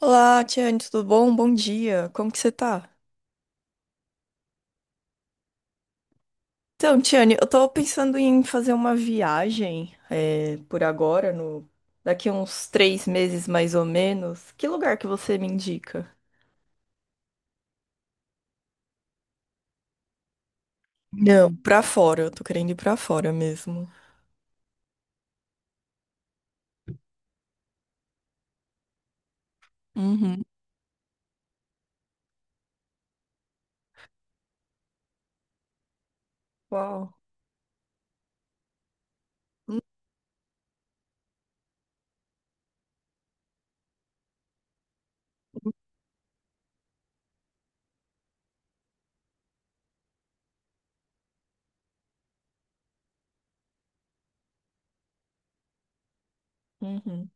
Olá, Tiane, tudo bom? Bom dia. Como que você tá? Então, Tiane, eu tô pensando em fazer uma viagem por agora, no daqui uns 3 meses mais ou menos. Que lugar que você me indica? Não, pra fora. Eu tô querendo ir pra fora mesmo. Uhum. Uau. Uhum. Uhum.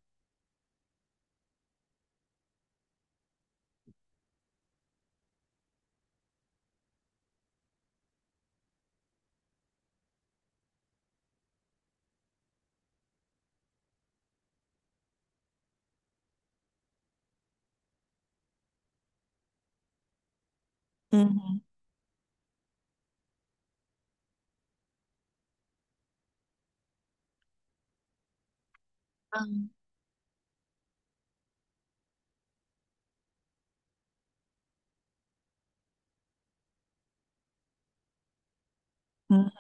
Uhum.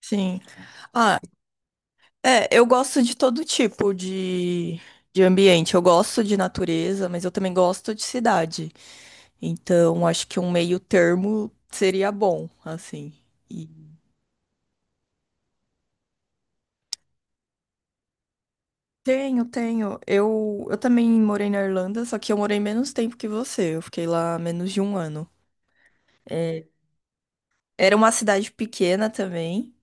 Sim. Ah. É, eu gosto de todo tipo de ambiente. Eu gosto de natureza, mas eu também gosto de cidade. Então, acho que um meio termo seria bom, assim. E tenho, tenho. Eu também morei na Irlanda, só que eu morei menos tempo que você. Eu fiquei lá menos de um ano. É, era uma cidade pequena também.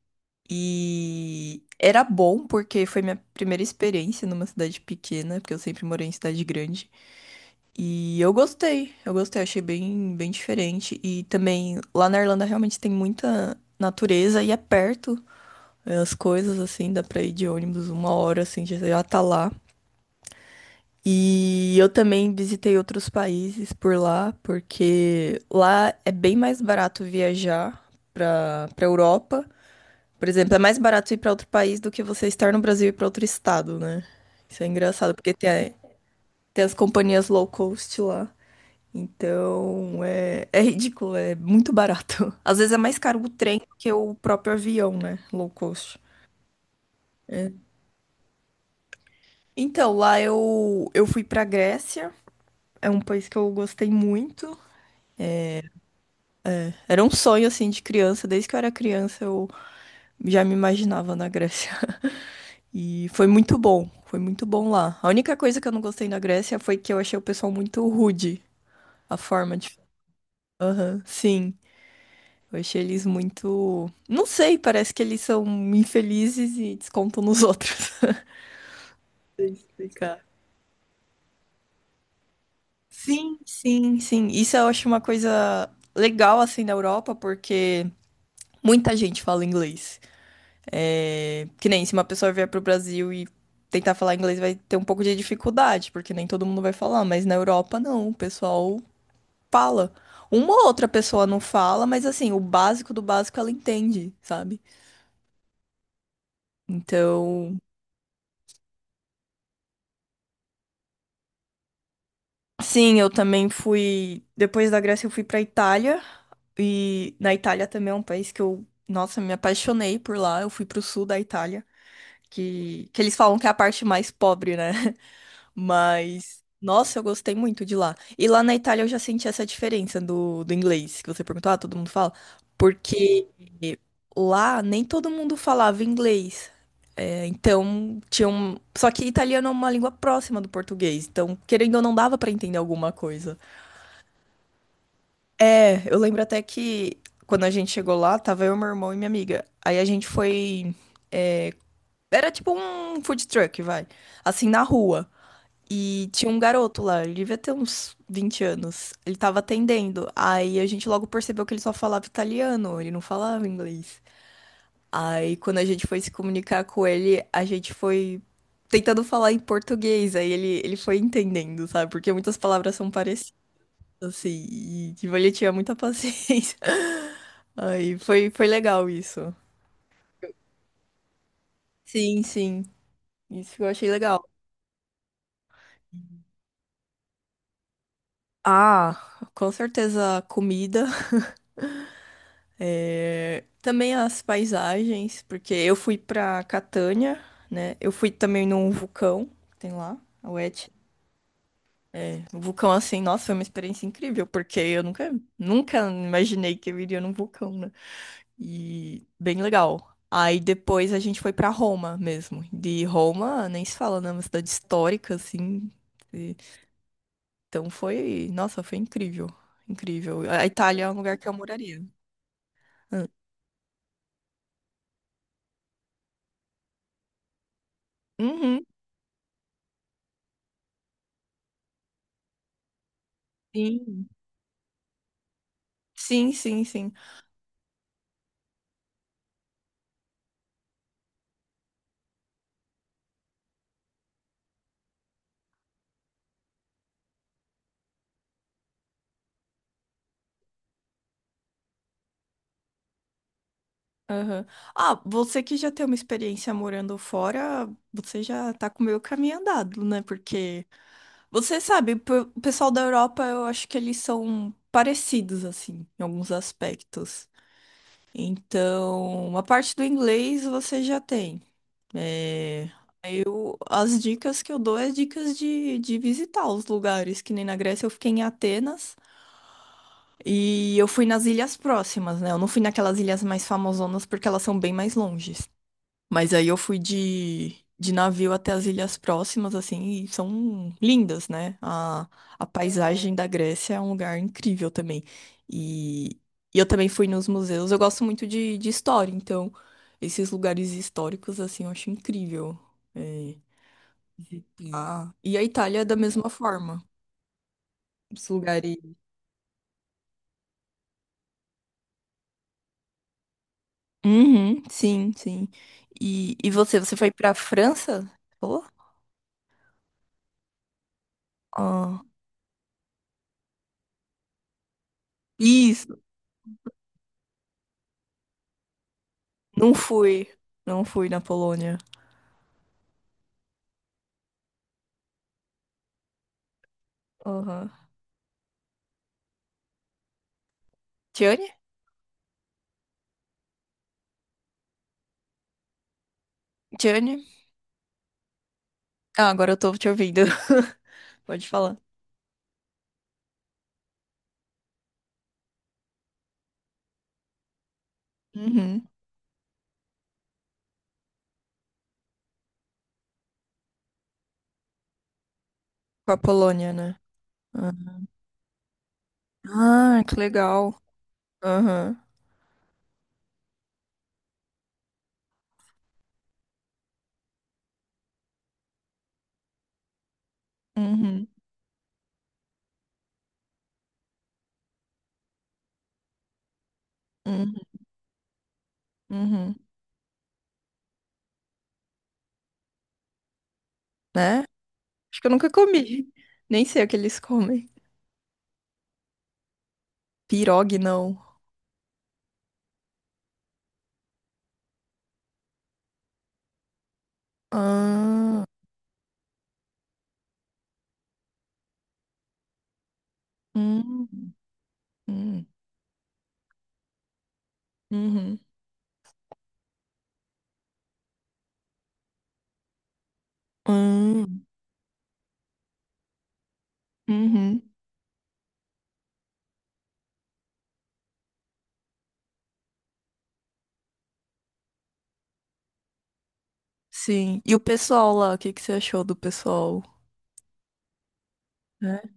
E era bom porque foi minha primeira experiência numa cidade pequena, porque eu sempre morei em cidade grande. E eu gostei, achei bem, bem diferente. E também lá na Irlanda realmente tem muita natureza e é perto as coisas, assim, dá pra ir de ônibus uma hora, assim, já já tá lá. E eu também visitei outros países por lá, porque lá é bem mais barato viajar pra Europa. Por exemplo, é mais barato ir pra outro país do que você estar no Brasil e ir pra outro estado, né? Isso é engraçado, porque tem as companhias low cost lá. Então, é ridículo, é muito barato. Às vezes é mais caro o trem do que o próprio avião, né? Low cost. Então, lá eu fui pra Grécia. É um país que eu gostei muito. Era um sonho, assim, de criança. Desde que eu era criança, eu já me imaginava na Grécia. E foi muito bom. Foi muito bom lá. A única coisa que eu não gostei na Grécia foi que eu achei o pessoal muito rude. A forma de. Aham, sim. Eu achei eles muito. Não sei, parece que eles são infelizes e descontam nos outros. Sei explicar. Sim, sim, sim. Isso eu acho uma coisa legal assim da Europa, porque muita gente fala inglês. Que nem se uma pessoa vier pro Brasil e tentar falar inglês vai ter um pouco de dificuldade, porque nem todo mundo vai falar, mas na Europa não, o pessoal fala. Uma ou outra pessoa não fala, mas assim, o básico do básico ela entende, sabe? Então, sim, eu também fui. Depois da Grécia, eu fui pra Itália. E na Itália também é um país que eu, nossa, me apaixonei por lá. Eu fui pro sul da Itália, que eles falam que é a parte mais pobre, né? Mas, nossa, eu gostei muito de lá. E lá na Itália eu já senti essa diferença do inglês, que você perguntou, ah, todo mundo fala. Porque lá nem todo mundo falava inglês. É, então, tinha um. Só que italiano é uma língua próxima do português. Então, querendo ou não, dava pra entender alguma coisa. É, eu lembro até que quando a gente chegou lá, tava eu, meu irmão e minha amiga. Aí a gente foi. Era tipo um food truck, vai. Assim, na rua. E tinha um garoto lá, ele devia ter uns 20 anos. Ele tava atendendo. Aí a gente logo percebeu que ele só falava italiano, ele não falava inglês. Aí quando a gente foi se comunicar com ele, a gente foi tentando falar em português. Aí ele foi entendendo, sabe? Porque muitas palavras são assim, e tipo, ele tinha muita paciência. Aí foi legal isso. Sim, sim, isso eu achei legal. Ah, com certeza a comida, também as paisagens, porque eu fui pra Catânia, né? Eu fui também num vulcão, que tem lá, o Etna. Um vulcão assim, nossa, foi uma experiência incrível, porque eu nunca, nunca imaginei que eu iria num vulcão, né? E bem legal. Aí depois a gente foi pra Roma mesmo. De Roma, nem se fala, né? Uma cidade histórica, assim. E- Então foi. Nossa, foi incrível. Incrível. A Itália é um lugar que eu moraria. Ah, uhum, sim. Sim, sim, sim. Aham. Ah, você que já tem uma experiência morando fora, você já tá com o meio caminho andado, né? Porque você sabe, o pessoal da Europa, eu acho que eles são parecidos, assim, em alguns aspectos. Então, uma parte do inglês você já tem. É, as dicas que eu dou é dicas de visitar os lugares, que nem na Grécia eu fiquei em Atenas e eu fui nas ilhas próximas, né? Eu não fui naquelas ilhas mais famosonas porque elas são bem mais longe. Mas aí eu fui de navio até as ilhas próximas, assim, e são lindas, né? A paisagem da Grécia é um lugar incrível também. E, e eu também fui nos museus. Eu gosto muito de história, então esses lugares históricos, assim, eu acho incrível é, visitar. E a Itália é da mesma forma. Os lugares. Uhum, sim, sim. E você, foi pra França? Falou? Ah, isso, não fui. Não fui na Polônia. Aham. Johnny? Johnny? Ah, agora eu tô te ouvindo. Pode falar. Uhum. Com a Polônia, né? Ah, ah, que legal. Aham. Uhum. Uhum. Uhum. Né? Acho que eu nunca comi. Nem sei o que eles comem. Pirogue, não. Ah. Hum. Hum. Uhum. Hum. Uhum. Sim. E o pessoal lá, o que que você achou do pessoal? Né?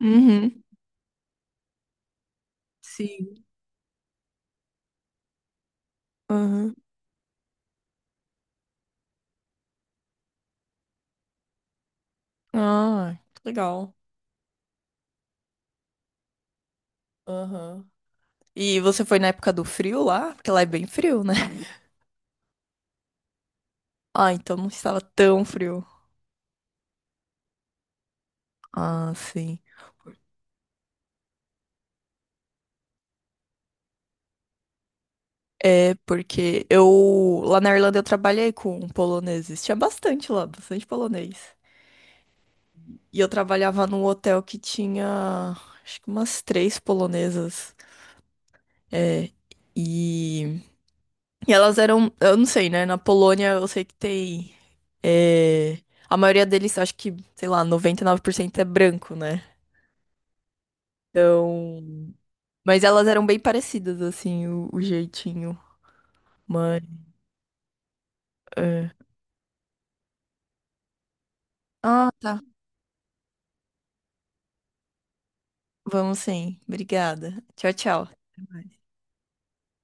Uhum. Sim. Uhum. Ah, que legal. Aham. E você foi na época do frio lá? Porque lá é bem frio, né? Ah, então não estava tão frio. Ah, sim. É, porque lá na Irlanda eu trabalhei com poloneses. Tinha bastante lá, bastante polonês. E eu trabalhava num hotel que tinha, acho que umas três polonesas. É, e, e elas eram, eu não sei, né? Na Polônia eu sei que tem. é, a maioria deles, acho que, sei lá, 99% é branco, né? Então. Mas elas eram bem parecidas, assim, o jeitinho. Mas. É. Ah, tá. Vamos sim. Obrigada. Tchau, tchau. Até mais.